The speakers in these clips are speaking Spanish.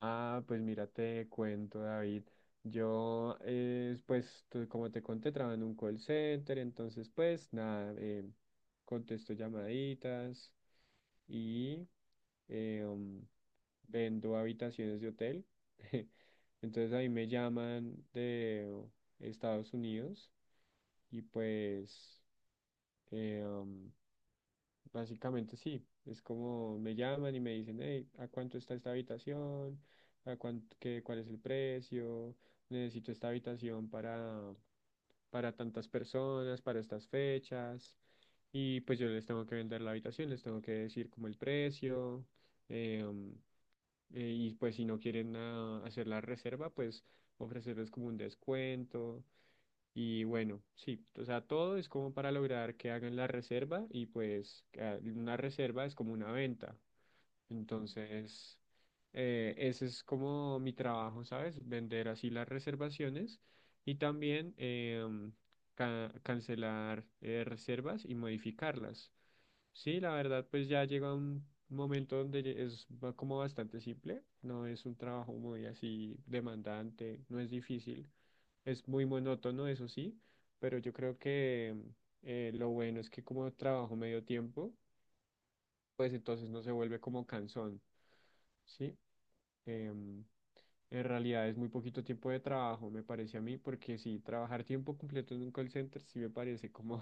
Ah, pues mira, te cuento, David. Yo, pues, como te conté, trabajo en un call center, entonces, pues, nada, contesto llamaditas y eh, um, vendo habitaciones de hotel. Entonces, ahí me llaman de Estados Unidos y pues, eh, um, básicamente sí, es como me llaman y me dicen, hey, ¿a cuánto está esta habitación? ¿A cuánto, qué, cuál es el precio? Necesito esta habitación para tantas personas, para estas fechas. Y pues yo les tengo que vender la habitación, les tengo que decir como el precio. em, y pues si no quieren hacer la reserva, pues ofrecerles como un descuento. Y bueno, sí, o sea, todo es como para lograr que hagan la reserva y pues una reserva es como una venta. Entonces, ese es como mi trabajo, ¿sabes? Vender así las reservaciones y también cancelar reservas y modificarlas. Sí, la verdad, pues ya llega un momento donde ya como bastante simple, no es un trabajo muy así demandante, no es difícil, es muy monótono, eso sí, pero yo creo que lo bueno es que como trabajo medio tiempo, pues entonces no se vuelve como cansón. Sí, em, en realidad es muy poquito tiempo de trabajo, me parece a mí, porque si trabajar tiempo completo en un call center sí me parece como,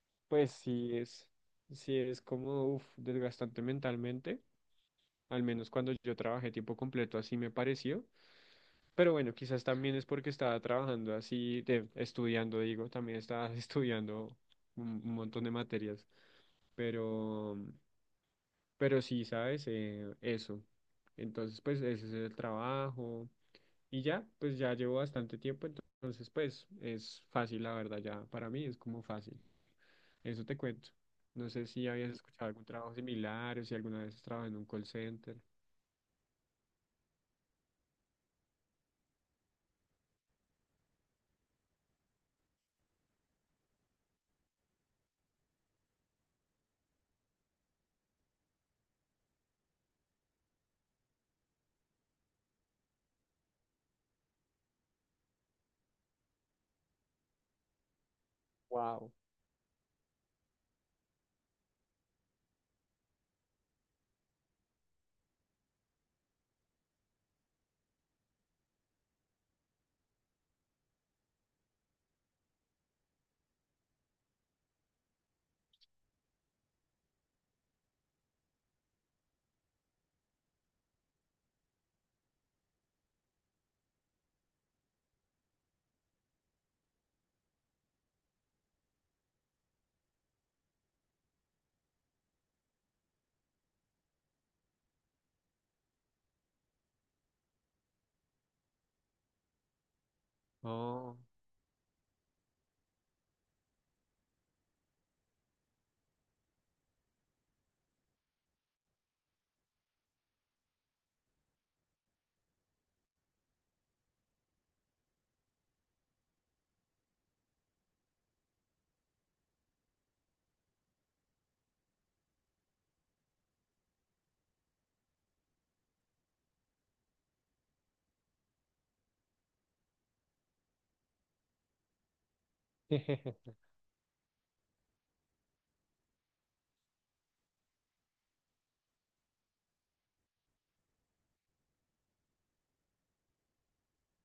pues sí es como, uf, desgastante mentalmente, al menos cuando yo trabajé tiempo completo así me pareció, pero bueno, quizás también es porque estaba trabajando así, de, estudiando, digo, también estaba estudiando un montón de materias, pero, pero sí, ¿sabes? Eso. Entonces, pues ese es el trabajo. Y ya, pues ya llevo bastante tiempo, entonces pues es fácil, la verdad, ya para mí es como fácil. Eso te cuento. No sé si habías escuchado algún trabajo similar o si alguna vez has trabajado en un call center. Wow. Oh,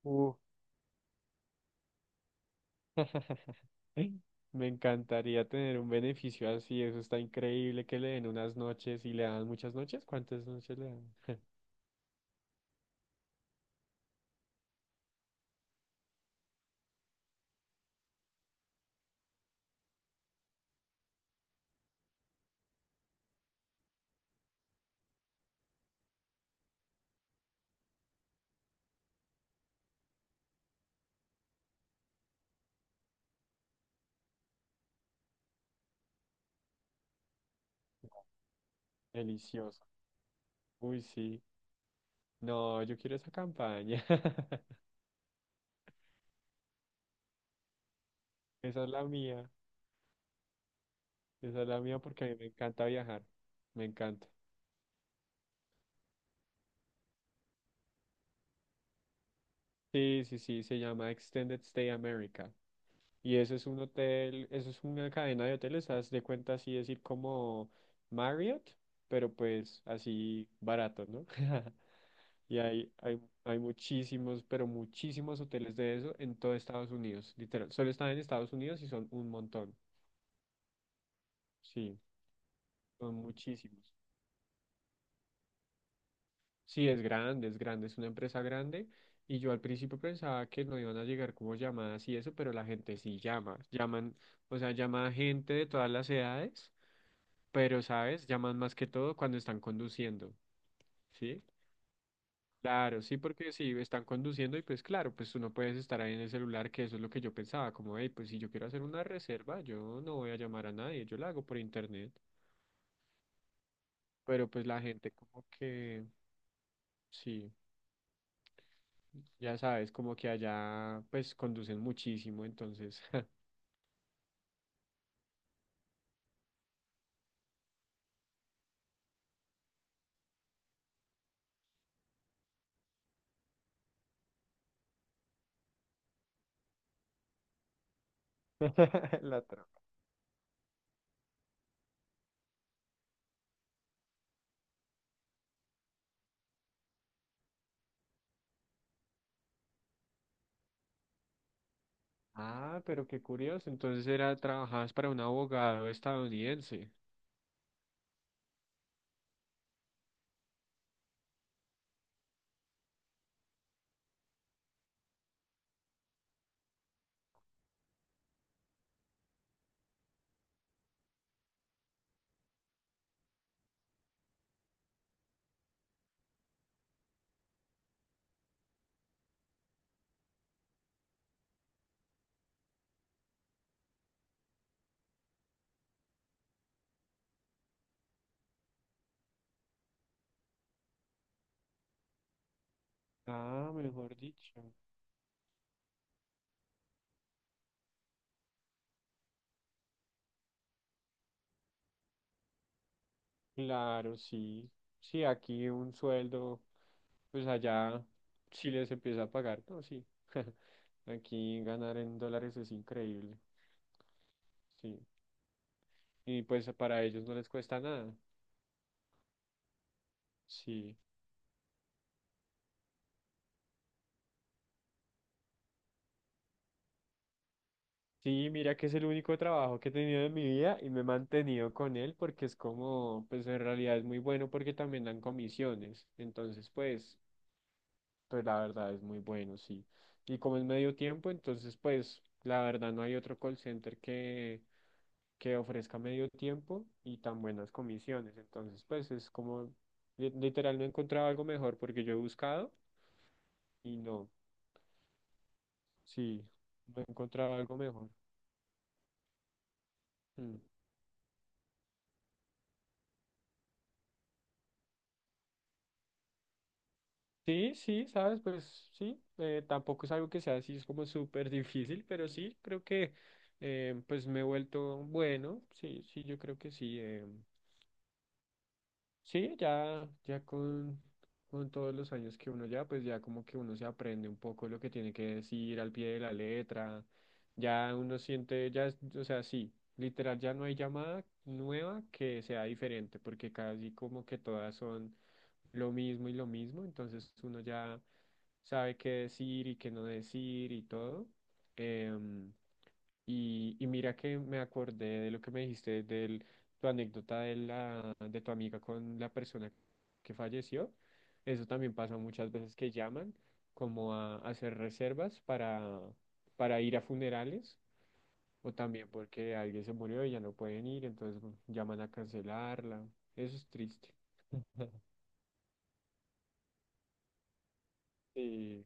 uh, me encantaría tener un beneficio así, eso está increíble que le den unas noches y le dan muchas noches. ¿Cuántas noches le dan? Delicioso. Uy, sí. No, yo quiero esa campaña. Esa es la mía. Esa es la mía porque a mí me encanta viajar. Me encanta. Sí, sí, sí, se llama Extended Stay America. Y eso es un hotel, eso es una cadena de hoteles, haz de cuenta así decir como Marriott, pero pues así barato, ¿no? Y hay muchísimos, pero muchísimos hoteles de eso en todo Estados Unidos, literal. Solo están en Estados Unidos y son un montón. Sí, son muchísimos. Sí, es grande, es grande, es una empresa grande. Y yo al principio pensaba que no iban a llegar como llamadas y eso, pero la gente sí llama. Llaman, o sea, llama a gente de todas las edades, pero, ¿sabes? Llaman más que todo cuando están conduciendo, ¿sí? Claro, sí, porque si están conduciendo y pues claro, pues tú no puedes estar ahí en el celular, que eso es lo que yo pensaba, como, hey, pues si yo quiero hacer una reserva, yo no voy a llamar a nadie, yo la hago por internet. Pero pues la gente como que, sí. Ya sabes, como que allá pues conducen muchísimo, entonces. La trama. Ah, pero qué curioso. Entonces era, trabajabas para un abogado estadounidense. Ah, mejor dicho. Claro, sí. Sí, aquí un sueldo, pues allá sí les empieza a pagar, ¿no? Sí. Aquí ganar en dólares es increíble. Sí. Y pues para ellos no les cuesta nada. Sí. Sí, mira que es el único trabajo que he tenido en mi vida y me he mantenido con él porque es como, pues en realidad es muy bueno porque también dan comisiones. Entonces, pues la verdad es muy bueno, sí. Y como es medio tiempo, entonces, pues, la verdad no hay otro call center que ofrezca medio tiempo y tan buenas comisiones. Entonces, pues es como, literal, no he encontrado algo mejor porque yo he buscado y no, sí, no he encontrado algo mejor. Mm. Sí, sí, sabes, pues sí, tampoco es algo que sea así, es como súper difícil, pero sí, creo que pues me he vuelto bueno, sí, sí, yo creo que sí, sí, con todos los años que uno ya, pues ya como que uno se aprende un poco lo que tiene que decir al pie de la letra, ya uno siente, ya, o sea, sí, literal, ya no hay llamada nueva que sea diferente, porque casi como que todas son lo mismo y lo mismo, entonces uno ya sabe qué decir y qué no decir y todo. Em, y mira que me acordé de lo que me dijiste de tu anécdota de tu amiga con la persona que falleció. Eso también pasa muchas veces que llaman como a hacer reservas para ir a funerales o también porque alguien se murió y ya no pueden ir, entonces llaman a cancelarla. Eso es triste. Sí,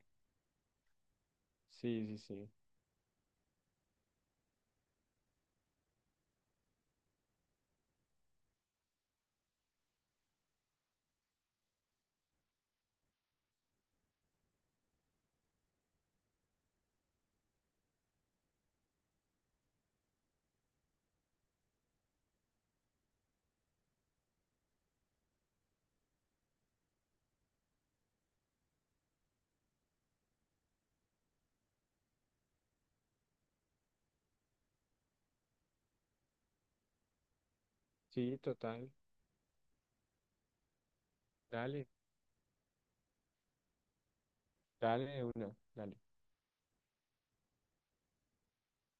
sí, sí, sí. Sí, total. Dale, dale de una, dale.